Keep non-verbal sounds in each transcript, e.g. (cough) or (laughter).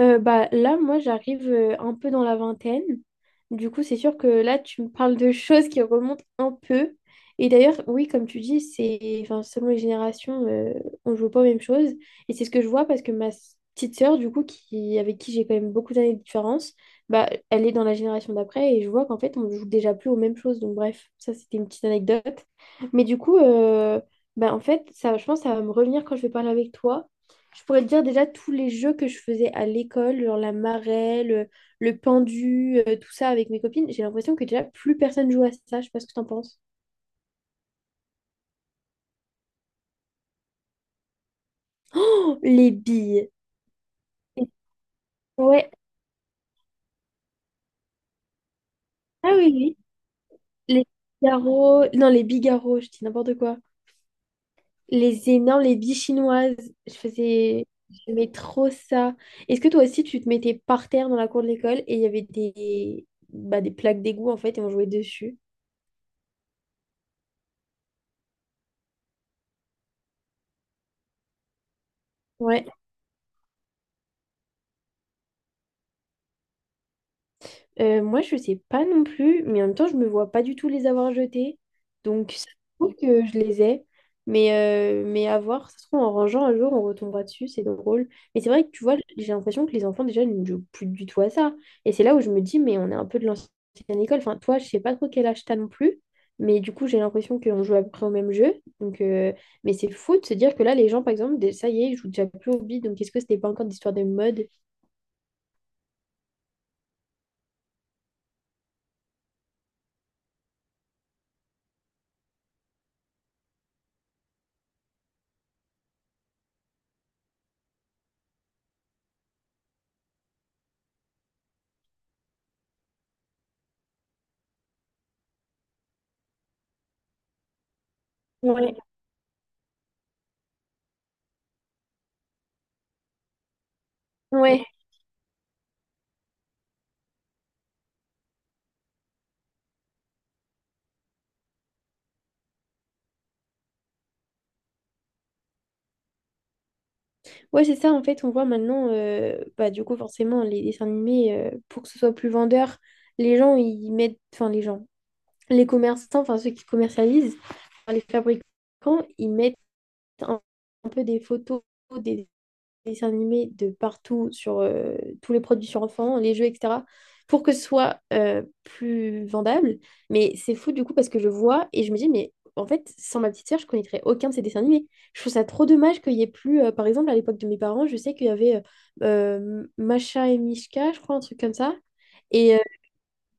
Là, moi, j'arrive un peu dans la vingtaine. Du coup, c'est sûr que là, tu me parles de (laughs) choses qui remontent un peu. Et d'ailleurs, oui, comme tu dis, c'est selon les générations, on joue pas aux mêmes choses. Et c'est ce que je vois parce que petite sœur, du coup, avec qui j'ai quand même beaucoup d'années de différence, bah, elle est dans la génération d'après et je vois qu'en fait, on joue déjà plus aux mêmes choses. Donc, bref, ça, c'était une petite anecdote. Mais du coup, euh, En fait, ça, je pense que ça va me revenir quand je vais parler avec toi. Je pourrais te dire déjà tous les jeux que je faisais à l'école, genre la marelle, le pendu, tout ça avec mes copines. J'ai l'impression que déjà plus personne joue à ça. Je sais pas ce que t'en penses. (gasps) Oh, les billes. Ouais. Ah oui, oui. Les bigarros. Non, les bigarros, je dis n'importe quoi. Les énormes, les billes chinoises. Je faisais. J'aimais trop ça. Est-ce que toi aussi, tu te mettais par terre dans la cour de l'école et il y avait des, bah, des plaques d'égout en fait et on jouait dessus? Ouais. Moi, je sais pas non plus, mais en même temps, je me vois pas du tout les avoir jetés. Donc, ça se trouve que je les ai. Mais, mais à voir, ça se trouve, en rangeant un jour, on retombera dessus, c'est drôle. Mais c'est vrai que tu vois, j'ai l'impression que les enfants, déjà, ne jouent plus du tout à ça. Et c'est là où je me dis, mais on est un peu de l'ancienne école. Enfin, toi, je sais pas trop quel âge t'as non plus. Mais du coup, j'ai l'impression qu'on joue à peu près au même jeu. Donc, euh, mais c'est fou de se dire que là, les gens, par exemple, ça y est, ils jouent déjà plus au bide. Donc, est-ce que c'était pas encore d'histoire de mode? Ouais, ouais. Ouais, c'est ça, en fait, on voit maintenant, du coup, forcément, les dessins animés, pour que ce soit plus vendeur, les gens, ils mettent, enfin, les gens, les commerçants, enfin, ceux qui commercialisent, enfin, les fabricants, ils mettent un, un peu des photos, des dessins animés de partout, sur tous les produits sur enfants, les jeux, etc., pour que ce soit plus vendable. Mais c'est fou du coup parce que je vois et je me dis, mais en fait, sans ma petite sœur, je connaîtrais aucun de ces dessins animés. Je trouve ça trop dommage qu'il y ait plus, par exemple, à l'époque de mes parents, je sais qu'il y avait Macha et Mishka, je crois, un truc comme ça. Et, euh,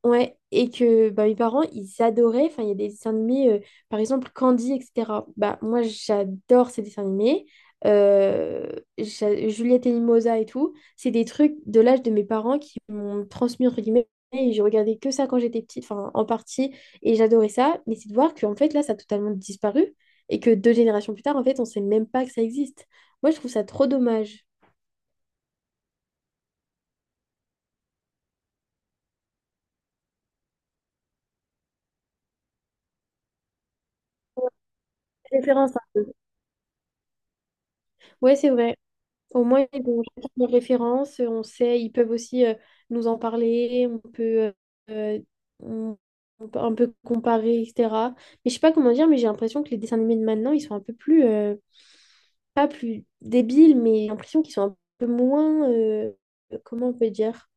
Ouais, et que bah, mes parents, ils adoraient. Enfin, il y a des dessins animés, par exemple Candy, etc. Bah, moi, j'adore ces dessins animés. Euh, Juliette et Mimosa et tout. C'est des trucs de l'âge de mes parents qui m'ont transmis, entre guillemets. Et je regardais que ça quand j'étais petite, enfin, en partie. Et j'adorais ça. Mais c'est de voir qu'en fait, là, ça a totalement disparu. Et que deux générations plus tard, en fait, on sait même pas que ça existe. Moi, je trouve ça trop dommage. Référence. Un Ouais, c'est vrai. Au moins, ils ont chacun leurs références, on sait, ils peuvent aussi nous en parler, euh, euh, on- on peut un peu comparer, etc. Mais je sais pas comment dire, mais j'ai l'impression que les dessins animés de maintenant, ils sont un peu plus, pas plus débiles, mais j'ai l'impression qu'ils sont un peu moins, comment on peut dire?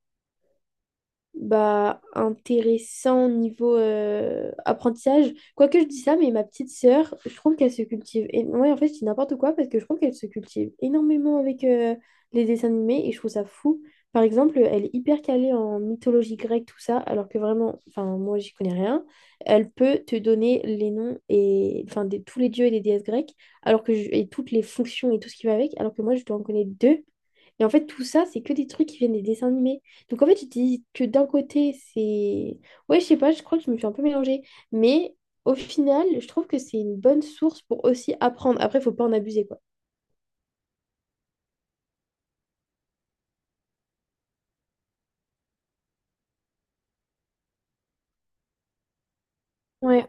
Bah, intéressant niveau apprentissage. Quoique je dis ça, mais ma petite sœur, je trouve qu'elle se cultive. Et ouais, en fait, je dis n'importe quoi parce que je trouve qu'elle se cultive énormément avec les dessins animés et je trouve ça fou. Par exemple, elle est hyper calée en mythologie grecque, tout ça, alors que vraiment, enfin, moi, j'y connais rien. Elle peut te donner les noms et, enfin, de tous les dieux et des déesses grecques, et toutes les fonctions et tout ce qui va avec, alors que moi, je dois en connaître deux. Et en fait, tout ça, c'est que des trucs qui viennent des dessins animés. Donc en fait, tu te dis que d'un côté, c'est... Ouais, je sais pas, je crois que je me suis un peu mélangée. Mais au final, je trouve que c'est une bonne source pour aussi apprendre. Après, faut pas en abuser, quoi. Ouais,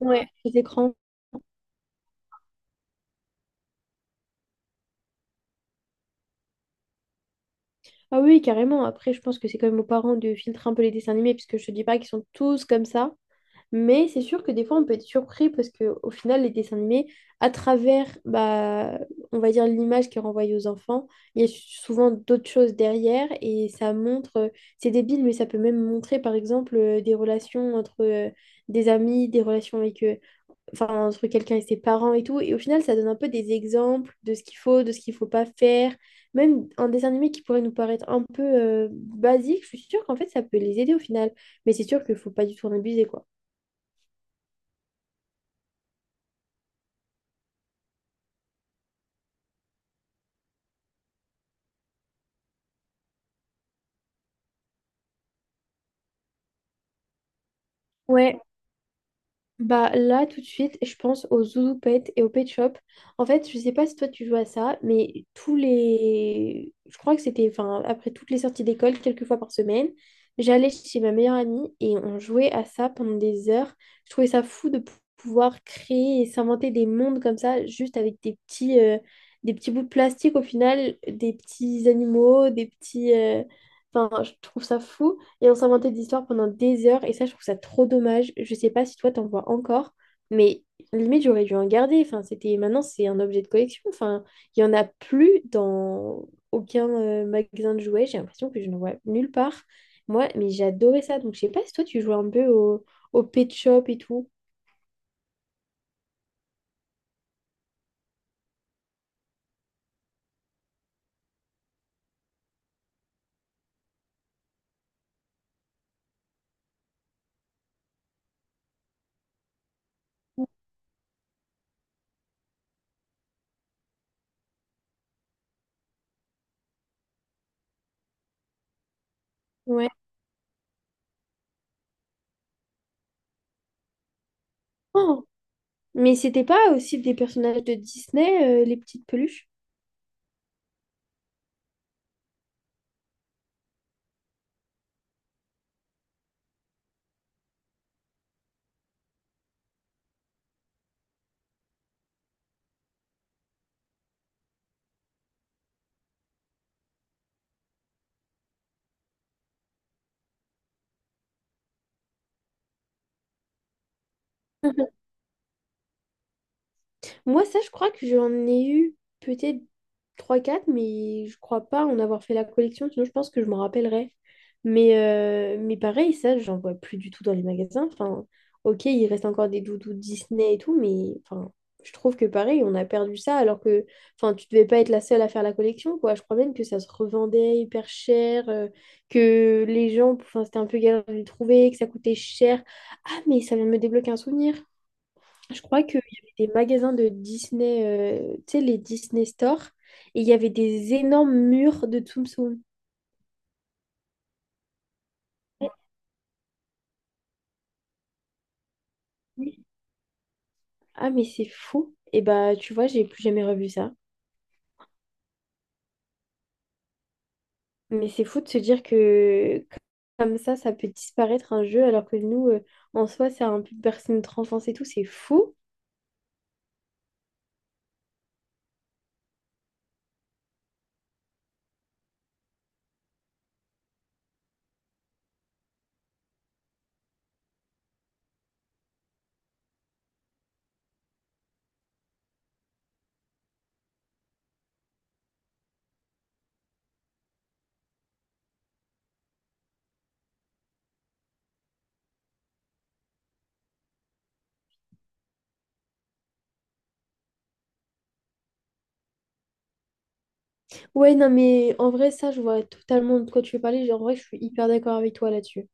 ouais. Les écrans. Ah oui, carrément. Après, je pense que c'est quand même aux parents de filtrer un peu les dessins animés, puisque je te dis pas qu'ils sont tous comme ça. Mais c'est sûr que des fois, on peut être surpris parce qu'au final, les dessins animés, à travers, bah, on va dire, l'image qui est renvoyée aux enfants, il y a souvent d'autres choses derrière et ça montre, c'est débile, mais ça peut même montrer, par exemple, des relations entre des amis, des relations avec, enfin, entre quelqu'un et ses parents et tout. Et au final, ça donne un peu des exemples de ce qu'il faut, de ce qu'il faut pas faire. Même un dessin animé qui pourrait nous paraître un peu basique, je suis sûre qu'en fait, ça peut les aider au final. Mais c'est sûr qu'il faut pas du tout en abuser, quoi. Ouais. Bah là tout de suite, je pense aux zouzoupettes et aux pet shop. En fait, je sais pas si toi tu joues à ça, mais tous les, je crois que c'était, enfin après toutes les sorties d'école, quelques fois par semaine, j'allais chez ma meilleure amie et on jouait à ça pendant des heures. Je trouvais ça fou de pouvoir créer et s'inventer des mondes comme ça, juste avec des petits bouts de plastique au final, des petits animaux, des petits, enfin je trouve ça fou. Et on s'inventait des histoires pendant des heures. Et ça, je trouve ça trop dommage. Je sais pas si toi, t'en vois encore. Mais limite, j'aurais dû en garder. Enfin, c'était... Maintenant, c'est un objet de collection. Enfin, il y en a plus dans aucun magasin de jouets. J'ai l'impression que je ne vois nulle part. Moi, mais j'adorais ça. Donc, je sais pas si toi, tu jouais un peu au Pet Shop et tout. Ouais. Oh, mais c'était pas aussi des personnages de Disney, les petites peluches? Moi, ça, je crois que j'en ai eu peut-être trois quatre mais je crois pas en avoir fait la collection, sinon je pense que je m'en rappellerais. Mais pareil, ça, j'en vois plus du tout dans les magasins. Enfin, ok, il reste encore des doudous Disney et tout, mais enfin, je trouve que pareil, on a perdu ça, alors que enfin, tu devais pas être la seule à faire la collection, quoi. Je crois même que ça se revendait hyper cher, que les gens, enfin, c'était un peu galère de les trouver, que ça coûtait cher. Ah, mais ça vient de me débloquer un souvenir. Je crois qu'il y avait des magasins de Disney, tu sais, les Disney Store, et il y avait des énormes murs de Tsum Tsum. Ah, mais c'est fou. Et bah, tu vois, j'ai plus jamais revu ça. Mais c'est fou de se dire que comme ça peut disparaître un jeu, alors que nous, en soi, ça a un peu bercé notre enfance et tout. C'est fou. Ouais, non, mais en vrai, ça, je vois totalement de quoi tu veux parler. Genre, en vrai, je suis hyper d'accord avec toi là-dessus.